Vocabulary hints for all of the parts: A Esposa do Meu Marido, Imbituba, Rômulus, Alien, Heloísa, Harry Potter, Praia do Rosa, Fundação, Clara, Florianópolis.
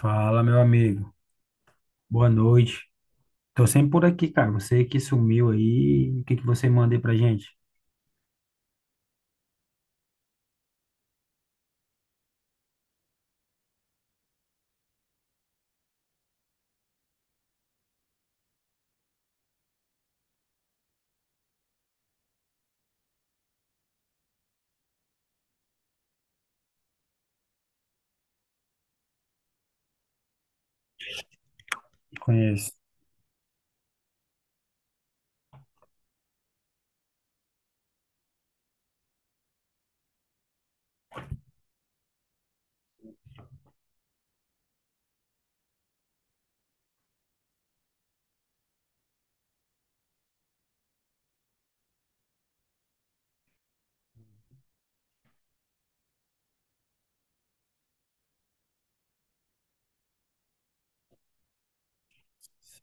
Fala, meu amigo. Boa noite. Tô sempre por aqui, cara. Você que sumiu aí, o que que você manda aí pra gente? Conheço.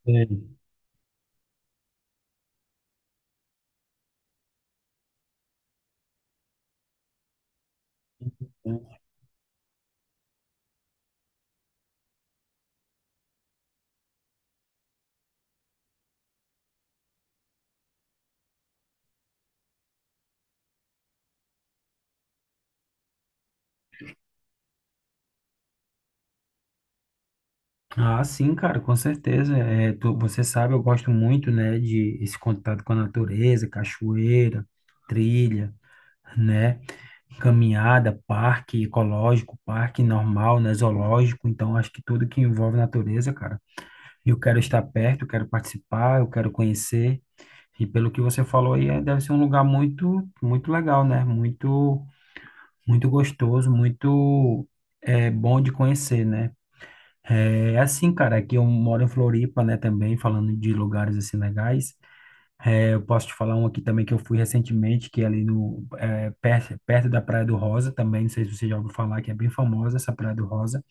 Sei. Ah, sim, cara, com certeza. Você sabe, eu gosto muito, né, de esse contato com a natureza, cachoeira, trilha, né, caminhada, parque ecológico, parque normal, né, zoológico. Então, acho que tudo que envolve natureza, cara, eu quero estar perto, eu quero participar, eu quero conhecer. E pelo que você falou aí, deve ser um lugar muito, muito legal, né? Muito, muito gostoso, muito bom de conhecer, né? É assim, cara, aqui eu moro em Floripa, né, também, falando de lugares assim legais. É, eu posso te falar um aqui também que eu fui recentemente, que é ali no, é, perto, perto da Praia do Rosa também, não sei se você já ouviu falar, que é bem famosa essa Praia do Rosa,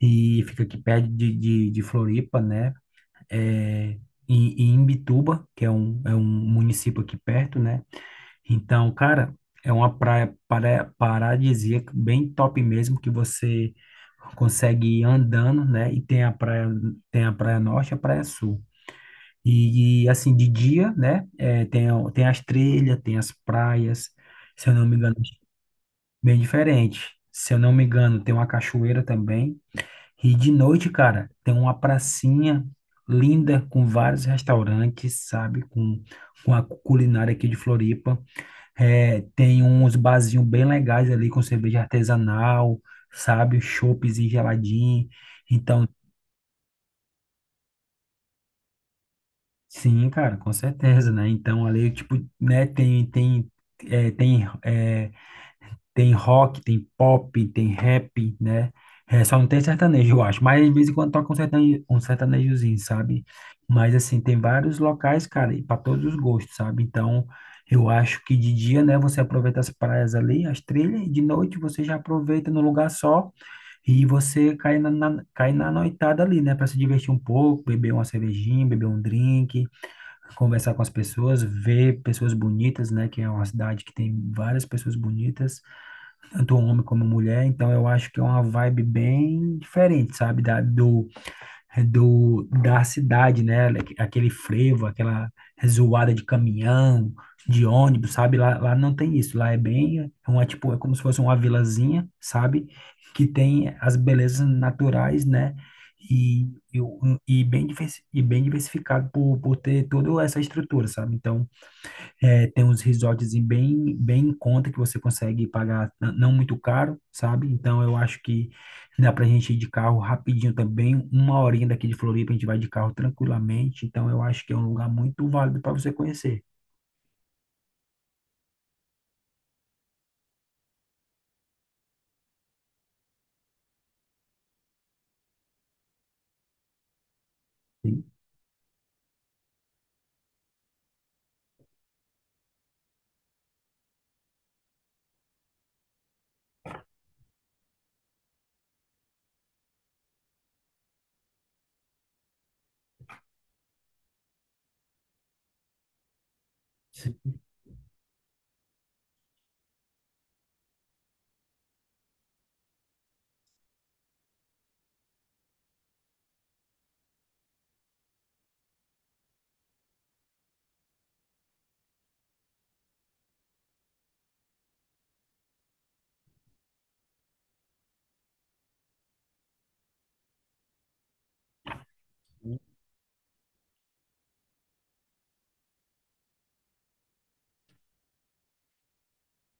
e fica aqui perto de Floripa, né? É, em Imbituba, que é um município aqui perto, né? Então, cara, é uma paradisíaca, bem top mesmo, que você consegue ir andando, né? E tem a praia norte e a praia sul. E, assim, de dia, né? É, tem, tem as trilhas, tem as praias, se eu não me engano, bem diferente. Se eu não me engano, tem uma cachoeira também. E de noite, cara, tem uma pracinha linda com vários restaurantes, sabe? Com a culinária aqui de Floripa. É, tem uns barzinhos bem legais ali com cerveja artesanal, sabe? Chopezinho geladinho. Então, sim, cara, com certeza, né? Então, ali, tipo, né, tem, tem, é, tem é, tem rock, tem pop, tem rap, né? É, só não tem sertanejo, eu acho. Mas de vez em quando toca um sertanejo, um sertanejozinho, sabe? Mas assim, tem vários locais, cara, e para todos os gostos, sabe? Então, eu acho que de dia, né, você aproveita as praias ali, as trilhas, e de noite você já aproveita no lugar só e você cai cai na noitada ali, né, para se divertir um pouco, beber uma cervejinha, beber um drink, conversar com as pessoas, ver pessoas bonitas, né, que é uma cidade que tem várias pessoas bonitas tanto um homem como mulher, então eu acho que é uma vibe bem diferente, sabe, da cidade, né, aquele frevo, aquela zoada de caminhão, de ônibus, sabe, lá, lá não tem isso, lá é bem, é uma, tipo, é como se fosse uma vilazinha, sabe, que tem as belezas naturais, né, e, e, e bem, e bem diversificado por ter toda essa estrutura, sabe, então é, tem uns resorts bem, bem em conta que você consegue pagar não muito caro, sabe? Então eu acho que dá pra gente ir de carro rapidinho também, uma horinha daqui de Floripa a gente vai de carro tranquilamente, então eu acho que é um lugar muito válido para você conhecer. Sim, sim,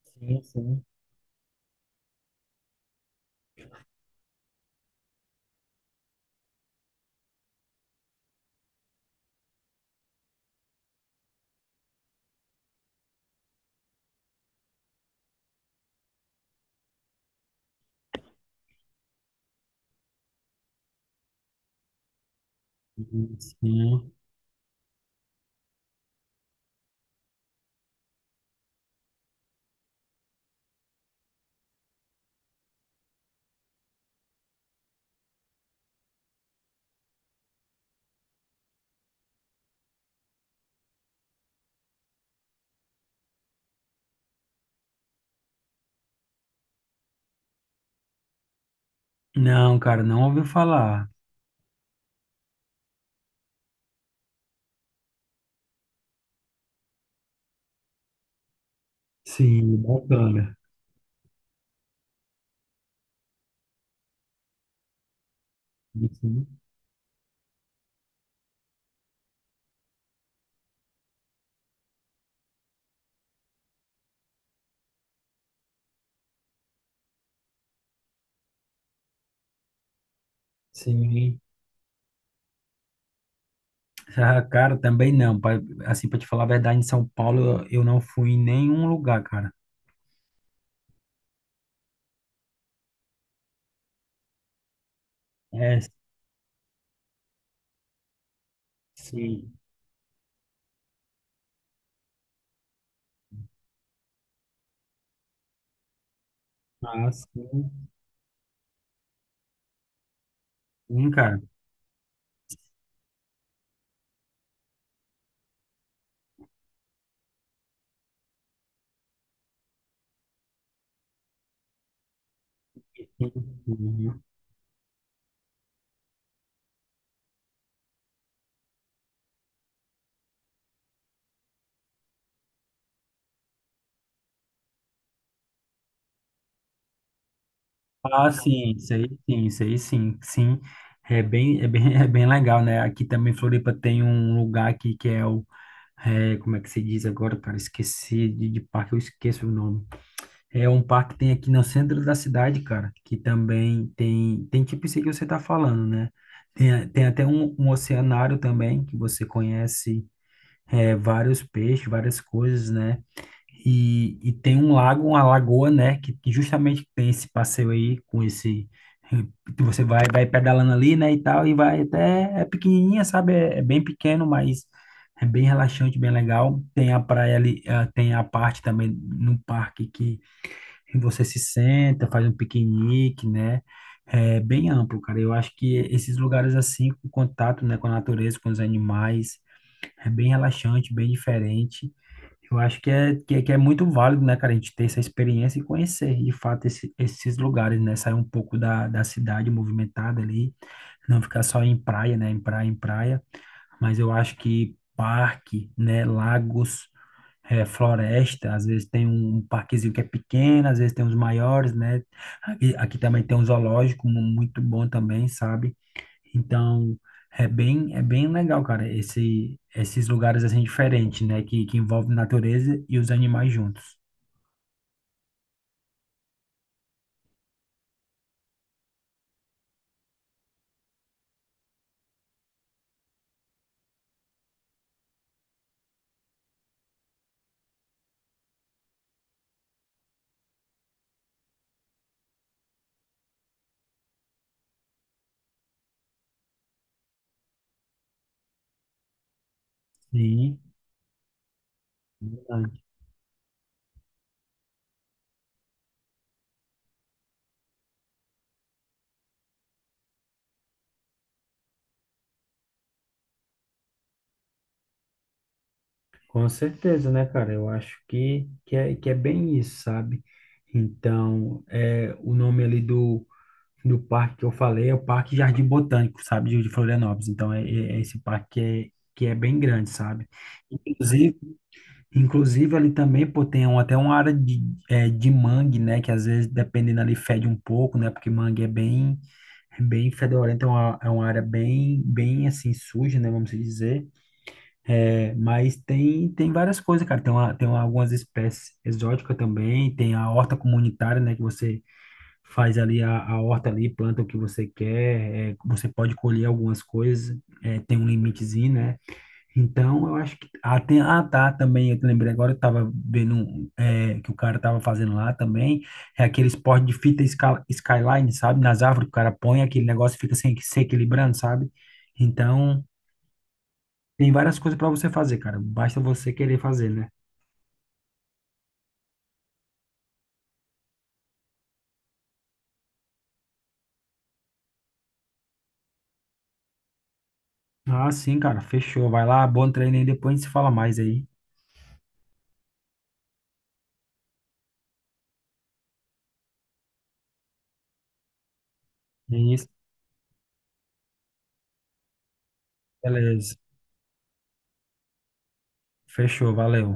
sim. Sim. Uhum, sim. Não, cara, não ouviu falar. Sim, bacana. Sim. Sim. Ah, cara, também não. Pra, assim, para te falar a verdade, em São Paulo eu não fui em nenhum lugar, cara. É, sim. Ah, sim, sim, cara. Sim, sim. Ah, sim, isso aí sim, isso aí sim, sim. É bem, é bem legal, né? Aqui também em Floripa tem um lugar aqui que é o, é, como é que se diz agora, cara? Esqueci de parque, eu esqueço o nome. É um parque que tem aqui no centro da cidade, cara, que também tem, tem tipo isso aí que você tá falando, né? Tem, tem até um, um oceanário também, que você conhece, é, vários peixes, várias coisas, né? E tem um lago, uma lagoa, né? Que justamente tem esse passeio aí com esse. Que você vai, vai pedalando ali, né? E tal, e vai até. É pequenininha, sabe? É, é bem pequeno, mas é bem relaxante, bem legal. Tem a praia ali, ah, tem a parte também no parque que você se senta, faz um piquenique, né? É bem amplo, cara. Eu acho que esses lugares assim, com contato, né, com a natureza, com os animais é bem relaxante, bem diferente. Eu acho que é, que, é que é muito válido, né, cara, a gente ter essa experiência e conhecer, de fato, esses lugares, né? Sair um pouco da, da cidade movimentada ali, não ficar só em praia, né? Em praia, em praia. Mas eu acho que parque, né? Lagos, eh, floresta, às vezes tem um parquezinho que é pequeno, às vezes tem uns maiores, né? Aqui, aqui também tem um muito bom também, sabe? Então, é bem legal, cara, esse, esses lugares assim diferentes, né? Que envolvem natureza e os animais juntos. Sim, verdade. Com certeza, né, cara? Eu acho que é bem isso, sabe? Então, é, o nome ali do, do parque que eu falei é o Parque Jardim Botânico, sabe? De Florianópolis. Então, é, é esse parque que é bem grande, sabe? Inclusive. Inclusive, ali também, pô, até uma área de, é, de mangue, né? Que às vezes, dependendo ali, fede um pouco, né? Porque mangue é bem fedorento, é uma área bem, bem, assim, suja, né? Vamos dizer. É, mas tem, tem várias coisas, cara. Tem, uma, algumas espécies exóticas também. Tem a horta comunitária, né? Que você faz ali a horta ali, planta o que você quer. É, você pode colher algumas coisas. É, tem um limitezinho, né? Então, eu acho que. Ah, tem... ah, tá, também. Eu lembrei agora, eu tava vendo um, é, que o cara tava fazendo lá também. É aquele esporte skyline, sabe? Nas árvores que o cara põe aquele negócio e fica sem... se equilibrando, sabe? Então, tem várias coisas para você fazer, cara. Basta você querer fazer, né? Ah, sim, cara. Fechou. Vai lá, bom treino aí. Depois a gente se fala mais aí. É isso, beleza. Fechou, valeu.